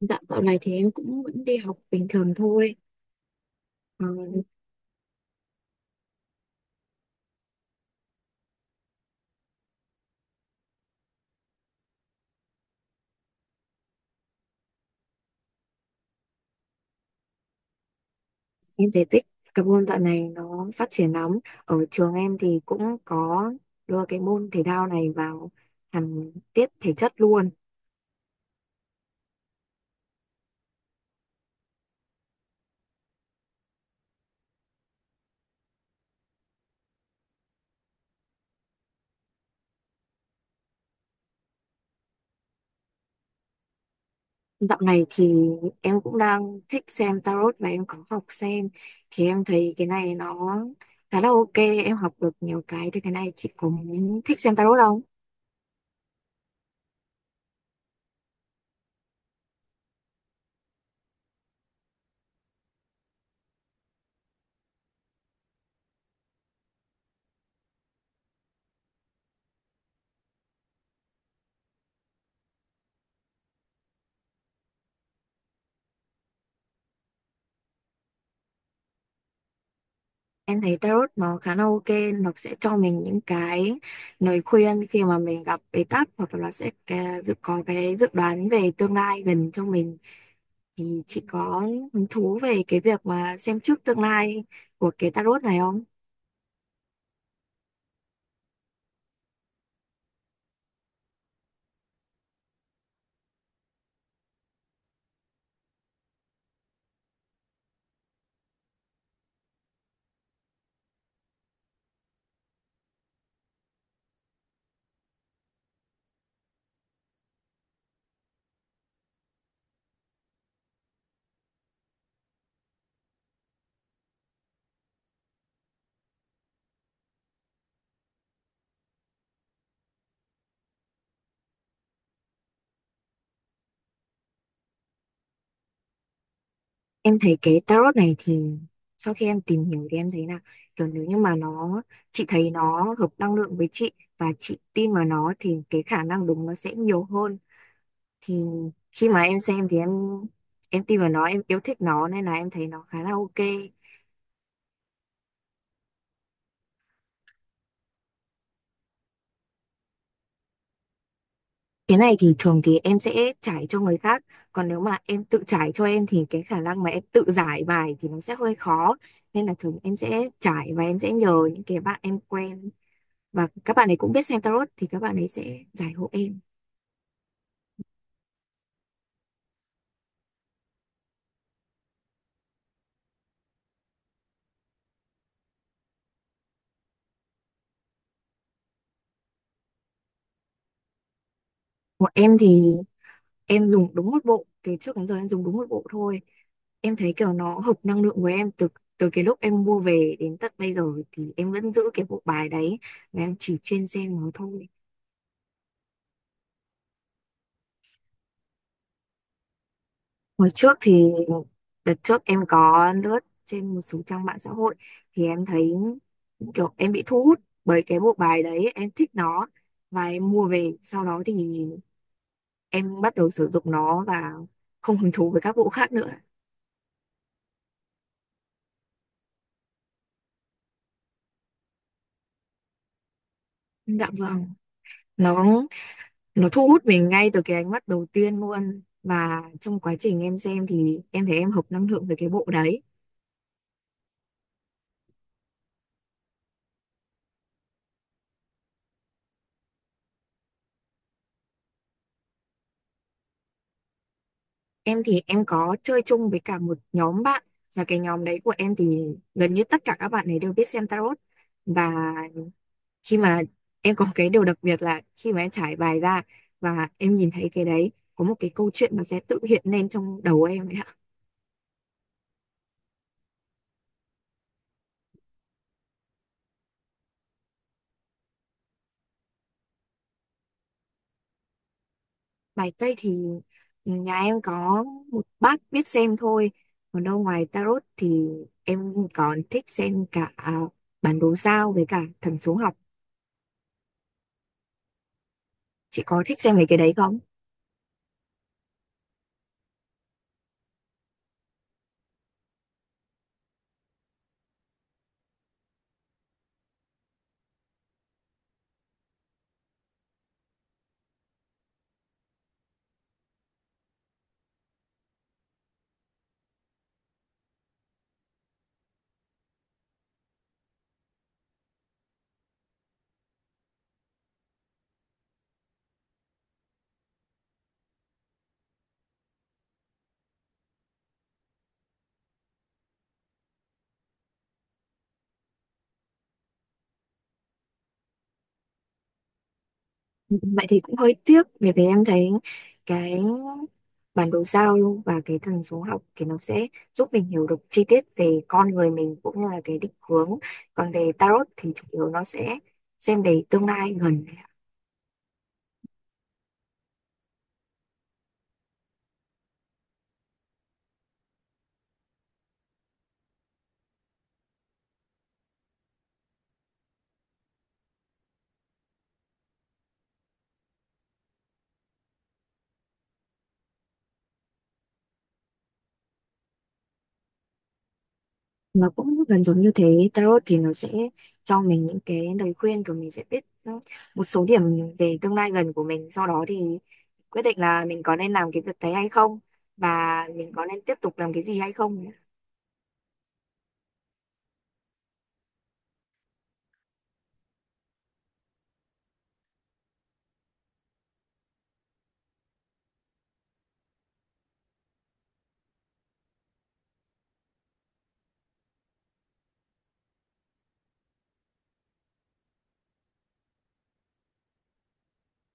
Dạ, dạo này thì em cũng vẫn đi học bình thường thôi. Ờ, em thấy cái môn dạo này nó phát triển lắm. Ở trường em thì cũng có đưa cái môn thể thao này vào hẳn tiết thể chất luôn. Dạo này thì em cũng đang thích xem tarot và em có học xem. Thì em thấy cái này nó khá là ok, em học được nhiều cái. Thì cái này chị cũng thích xem tarot không? Em thấy tarot nó khá là ok, nó sẽ cho mình những cái lời khuyên khi mà mình gặp bế tắc, hoặc là nó sẽ cái- dự có cái dự đoán về tương lai gần cho mình. Thì chị có hứng thú về cái việc mà xem trước tương lai của cái tarot này không? Em thấy cái tarot này thì sau khi em tìm hiểu thì em thấy là, kiểu nếu như mà chị thấy nó hợp năng lượng với chị và chị tin vào nó thì cái khả năng đúng nó sẽ nhiều hơn. Thì khi mà em xem thì em tin vào nó, em yêu thích nó nên là em thấy nó khá là ok. Cái này thì thường thì em sẽ trải cho người khác, còn nếu mà em tự trải cho em thì cái khả năng mà em tự giải bài thì nó sẽ hơi khó, nên là thường em sẽ trải và em sẽ nhờ những cái bạn em quen, và các bạn ấy cũng biết xem tarot thì các bạn ấy sẽ giải hộ em. Của em thì em dùng đúng một bộ, từ trước đến giờ em dùng đúng một bộ thôi. Em thấy kiểu nó hợp năng lượng của em từ từ cái lúc em mua về đến tận bây giờ, thì em vẫn giữ cái bộ bài đấy và em chỉ chuyên xem nó thôi. Hồi trước thì Đợt trước em có lướt trên một số trang mạng xã hội, thì em thấy kiểu em bị thu hút bởi cái bộ bài đấy, em thích nó và em mua về, sau đó thì em bắt đầu sử dụng nó và không hứng thú với các bộ khác nữa. Dạ vâng, nó nó thu hút mình ngay từ cái ánh mắt đầu tiên luôn, và trong quá trình em xem thì em thấy em hợp năng lượng với cái bộ đấy. Em thì em có chơi chung với cả một nhóm bạn, và cái nhóm đấy của em thì gần như tất cả các bạn ấy đều biết xem tarot. Và khi mà em có cái điều đặc biệt là khi mà em trải bài ra và em nhìn thấy cái đấy, có một cái câu chuyện nó sẽ tự hiện lên trong đầu em Bài Tây thì nhà em có một bác biết xem thôi. Còn đâu, ngoài tarot thì em còn thích xem cả bản đồ sao với cả thần số học. Chị có thích xem mấy cái đấy không? Vậy thì cũng hơi tiếc, bởi vì em thấy cái bản đồ sao và cái thần số học thì nó sẽ giúp mình hiểu được chi tiết về con người mình, cũng như là cái định hướng. Còn về tarot thì chủ yếu nó sẽ xem về tương lai gần. Nó cũng gần giống như thế. Tarot thì nó sẽ cho mình những cái lời khuyên, rồi mình sẽ biết ừ, một số điểm về tương lai gần của mình, sau đó thì quyết định là mình có nên làm cái việc đấy hay không, và mình có nên tiếp tục làm cái gì hay không.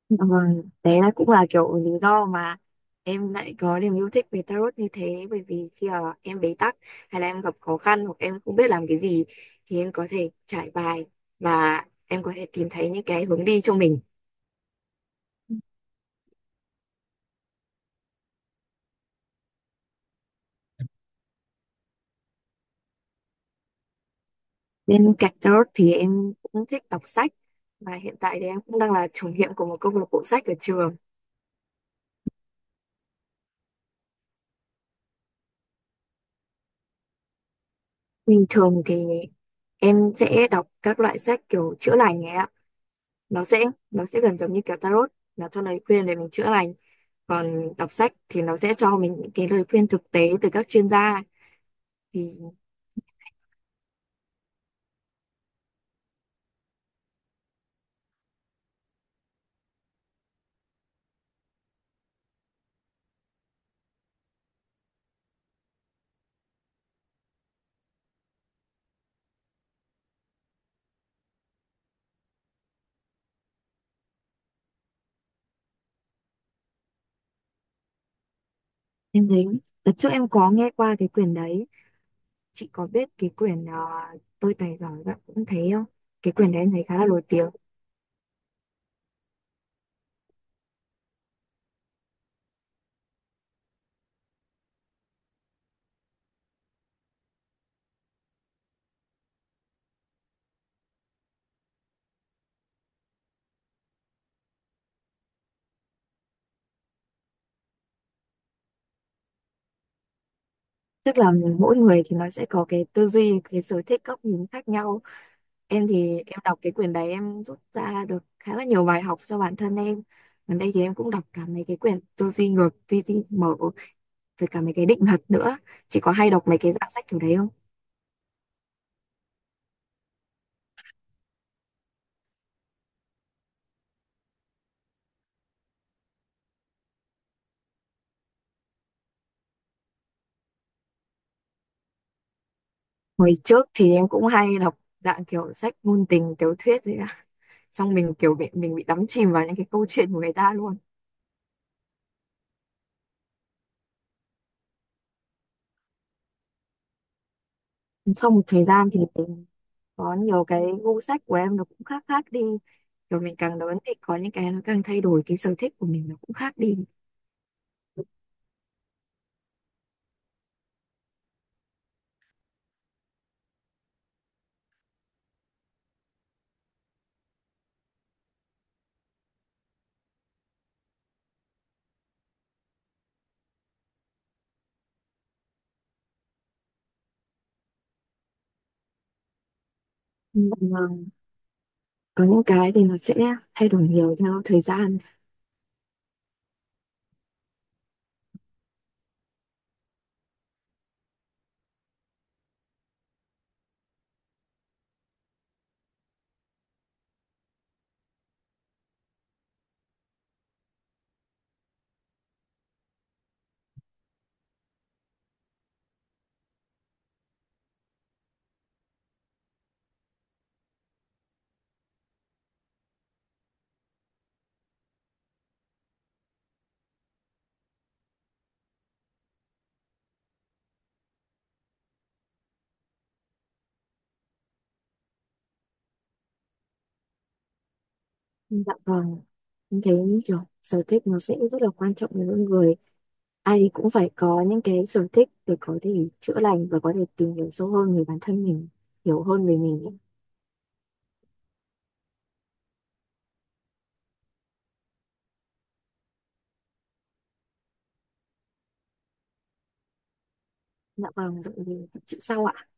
Ừ, đấy là cũng là kiểu lý do mà em lại có niềm yêu thích về tarot như thế, bởi vì khi mà em bế tắc hay là em gặp khó khăn hoặc em không biết làm cái gì, thì em có thể trải bài và em có thể tìm thấy những cái hướng đi cho mình. Bên cạnh đó thì em cũng thích đọc sách, và hiện tại thì em cũng đang là chủ nhiệm của một câu lạc bộ sách ở trường. Bình thường thì em sẽ đọc các loại sách kiểu chữa lành ấy ạ. Nó sẽ nó sẽ gần giống như kiểu tarot, nó cho lời khuyên để mình chữa lành. Còn đọc sách thì nó sẽ cho mình những cái lời khuyên thực tế từ các chuyên gia. Thì em thấy, đợt trước em có nghe qua cái quyển đấy. Chị có biết cái quyển Tôi tài giỏi bạn cũng thấy không? Cái quyển đấy em thấy khá là nổi tiếng. Tức là mỗi người thì nó sẽ có cái tư duy, cái sở thích, góc nhìn khác nhau. Em thì em đọc cái quyển đấy em rút ra được khá là nhiều bài học cho bản thân em. Gần đây thì em cũng đọc cả mấy cái quyển tư duy ngược, tư duy mở, rồi cả mấy cái định luật nữa. Chị có hay đọc mấy cái dạng sách kiểu đấy không? Hồi trước thì em cũng hay đọc dạng kiểu sách ngôn tình, tiểu thuyết đấy ạ. Xong mình kiểu bị đắm chìm vào những cái câu chuyện của người ta luôn. Sau một thời gian thì có nhiều cái gu sách của em nó cũng khác khác đi, kiểu mình càng lớn thì có những cái nó càng thay đổi, cái sở thích của mình nó cũng khác đi. Ừ. Còn, có những cái thì nó sẽ thay đổi nhiều theo thời gian. Dạ vâng, em thấy kiểu sở thích nó sẽ rất là quan trọng với mỗi người, ai cũng phải có những cái sở thích để có thể chữa lành và có thể tìm hiểu sâu hơn về bản thân mình, hiểu hơn về mình ấy. Dạ vâng, vậy thì chị sau ạ.